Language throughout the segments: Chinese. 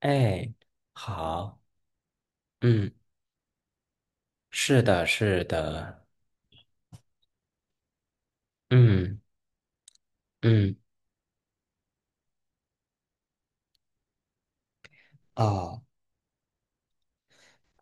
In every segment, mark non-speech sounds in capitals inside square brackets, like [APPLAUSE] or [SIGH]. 哎，好，嗯，是的，是的，嗯嗯，哦，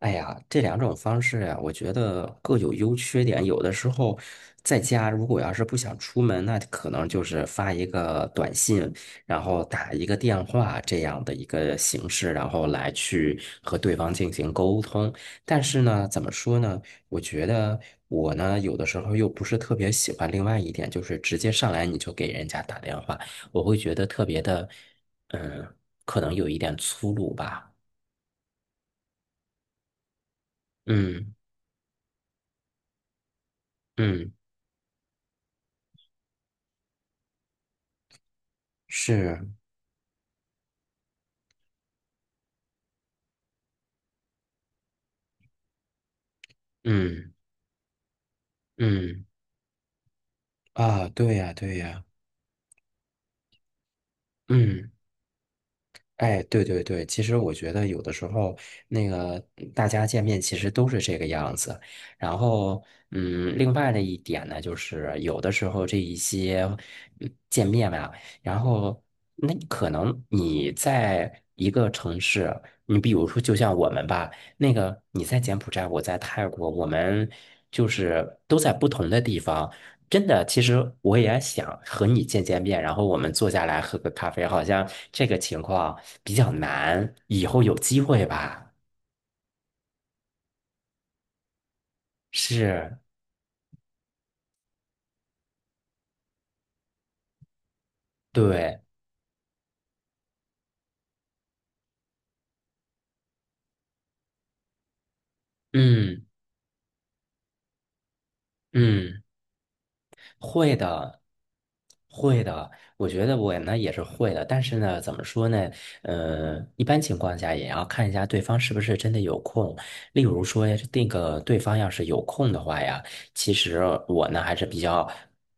哎呀，这两种方式呀，我觉得各有优缺点。有的时候在家，如果要是不想出门，那可能就是发一个短信，然后打一个电话这样的一个形式，然后来去和对方进行沟通。但是呢，怎么说呢？我觉得我呢，有的时候又不是特别喜欢另外一点，就是直接上来你就给人家打电话，我会觉得特别的，嗯，可能有一点粗鲁吧。嗯嗯，是。嗯嗯啊，对呀对呀，嗯，哎，对对对，其实我觉得有的时候那个大家见面其实都是这个样子，然后另外的一点呢，就是有的时候这一些见面吧，然后那可能你在一个城市，你比如说就像我们吧，那个你在柬埔寨，我在泰国，我们就是都在不同的地方。真的，其实我也想和你见见面，然后我们坐下来喝个咖啡，好像这个情况比较难，以后有机会吧？是，对，嗯嗯。会的，会的，我觉得我呢也是会的，但是呢，怎么说呢？一般情况下也要看一下对方是不是真的有空。例如说，那个对方要是有空的话呀，其实我呢还是比较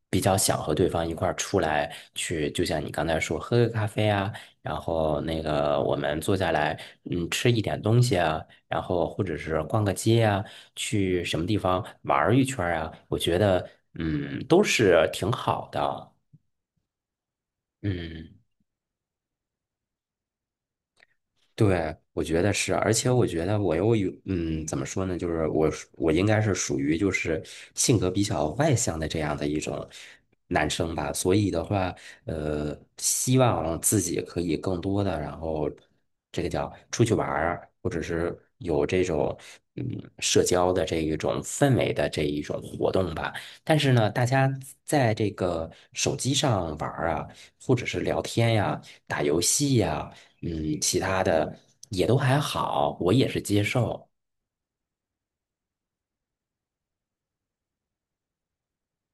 比较想和对方一块儿出来去，就像你刚才说，喝个咖啡啊，然后那个我们坐下来，吃一点东西啊，然后或者是逛个街啊，去什么地方玩儿一圈儿啊，我觉得都是挺好的，嗯。对，我觉得是，而且我觉得我又有，怎么说呢？就是我应该是属于就是性格比较外向的这样的一种男生吧，所以的话，希望自己可以更多的，然后这个叫出去玩儿，或者是有这种嗯社交的这一种氛围的这一种活动吧。但是呢，大家在这个手机上玩儿啊，或者是聊天呀、打游戏呀。嗯，其他的也都还好，我也是接受。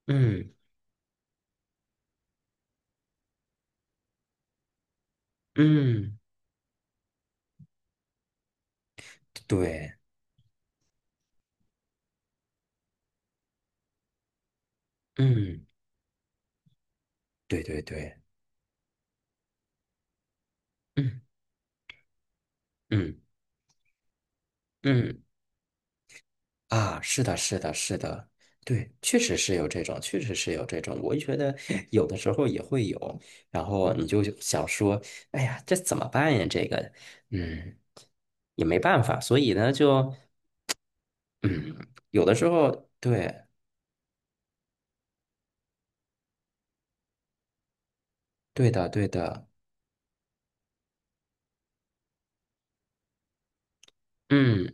嗯嗯，对，嗯对对对，嗯嗯嗯啊，是的，是的，是的，对，确实是有这种，确实是有这种，我觉得 [LAUGHS] 有的时候也会有，然后你就想说，哎呀，这怎么办呀？这个，嗯，也没办法，所以呢，就嗯，有的时候，对，对的，对的，嗯，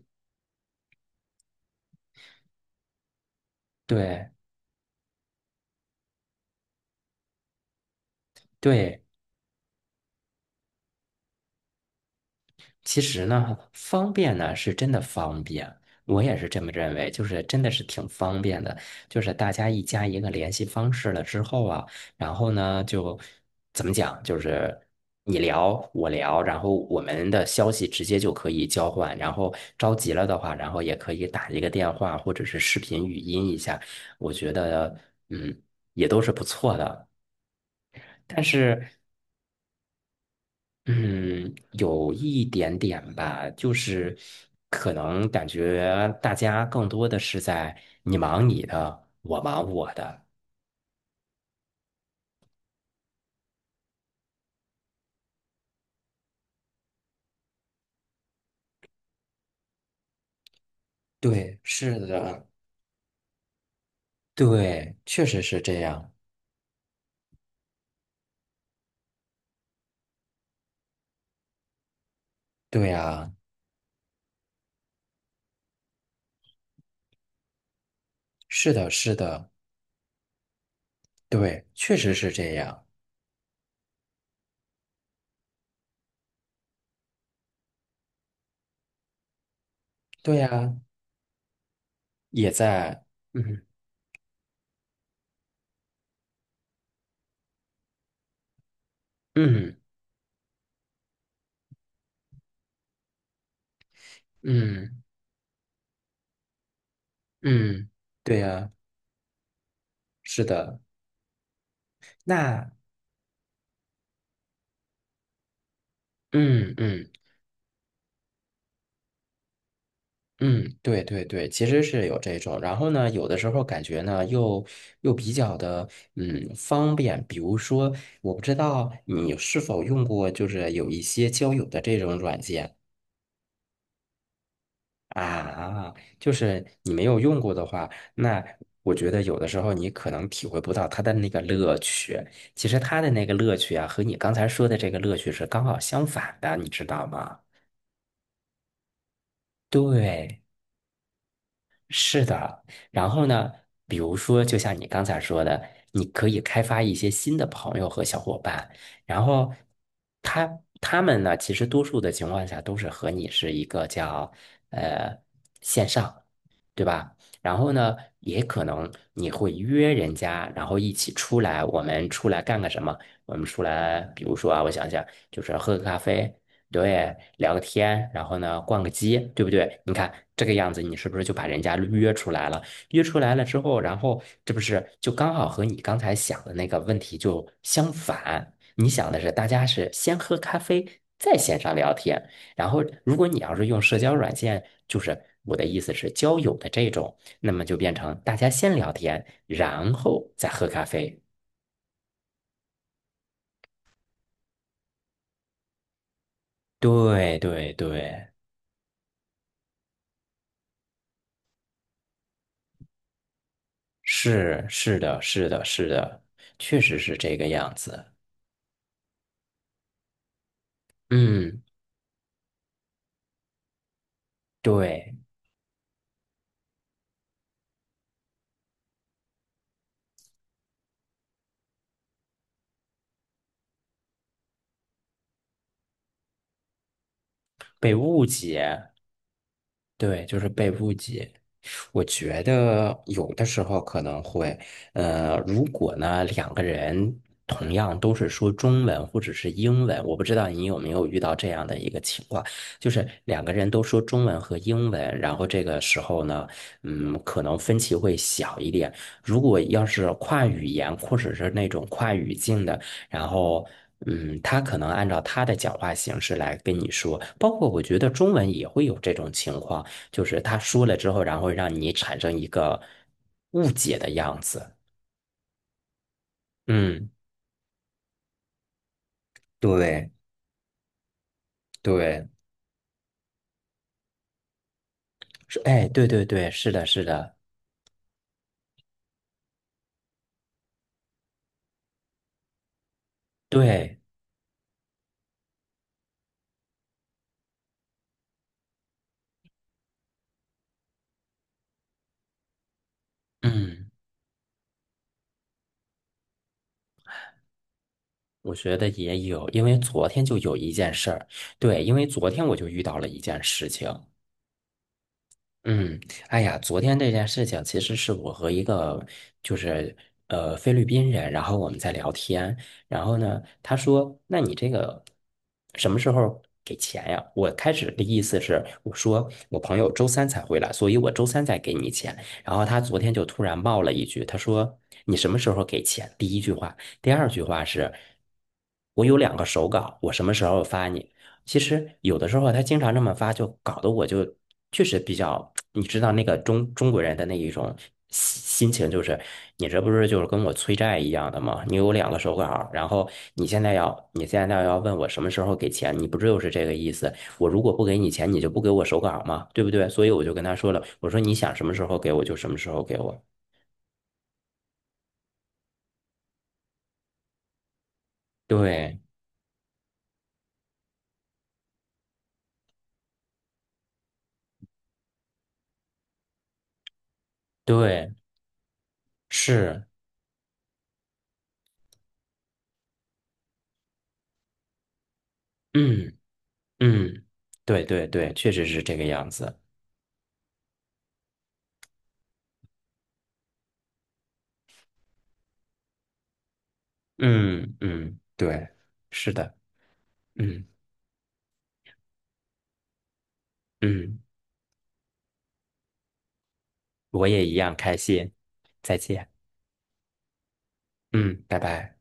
对对。其实呢，方便呢是真的方便，我也是这么认为，就是真的是挺方便的。就是大家一加一个联系方式了之后啊，然后呢就怎么讲，就是你聊我聊，然后我们的消息直接就可以交换，然后着急了的话，然后也可以打一个电话或者是视频语音一下，我觉得嗯也都是不错的。但是嗯，有一点点吧，就是可能感觉大家更多的是在你忙你的，我忙我的。对，是的，对，确实是这样。对呀，是的，是的，对，确实是这样。对呀，也在，嗯嗯嗯嗯，对呀，是的。那，嗯嗯。嗯，对对对，其实是有这种，然后呢，有的时候感觉呢，又比较的，方便。比如说，我不知道你是否用过，就是有一些交友的这种软件啊，就是你没有用过的话，那我觉得有的时候你可能体会不到它的那个乐趣。其实它的那个乐趣啊，和你刚才说的这个乐趣是刚好相反的，你知道吗？对。是的，然后呢，比如说，就像你刚才说的，你可以开发一些新的朋友和小伙伴，然后他他们呢，其实多数的情况下都是和你是一个叫呃线上，对吧？然后呢，也可能你会约人家，然后一起出来，我们出来干个什么？我们出来，比如说啊，我想想，就是喝个咖啡，对，聊个天，然后呢，逛个街，对不对？你看这个样子，你是不是就把人家约出来了？约出来了之后，然后这不是就刚好和你刚才想的那个问题就相反？你想的是大家是先喝咖啡，再线上聊天。然后，如果你要是用社交软件，就是我的意思是交友的这种，那么就变成大家先聊天，然后再喝咖啡。对对对，是是的，是的，是的，确实是这个样子。嗯，对，被误解。对，就是被误解。我觉得有的时候可能会，如果呢两个人同样都是说中文或者是英文，我不知道你有没有遇到这样的一个情况，就是两个人都说中文和英文，然后这个时候呢，可能分歧会小一点。如果要是跨语言或者是那种跨语境的，然后。他可能按照他的讲话形式来跟你说，包括我觉得中文也会有这种情况，就是他说了之后，然后让你产生一个误解的样子。嗯，对对，是，哎，对对对，是的，是的，对，嗯，我觉得也有，因为昨天就有一件事儿，对，因为昨天我就遇到了一件事情，嗯，哎呀，昨天这件事情其实是我和一个就是菲律宾人，然后我们在聊天，然后呢，他说：“那你这个什么时候给钱呀？”我开始的意思是，我说我朋友周三才回来，所以我周三再给你钱。然后他昨天就突然冒了一句，他说：“你什么时候给钱？”第一句话，第二句话是：“我有两个手稿，我什么时候发你？”其实有的时候他经常这么发，就搞得我就确实比较，你知道那个中国人的那一种心情，就是你这不是就是跟我催债一样的吗？你有两个手稿然后你现在要问我什么时候给钱，你不就是这个意思？我如果不给你钱，你就不给我手稿吗？对不对？所以我就跟他说了，我说你想什么时候给我就什么时候给我。对对，是，嗯嗯，对对对，确实是这个样子。嗯嗯，对，是的，嗯嗯，我也一样开心，再见，嗯，拜拜。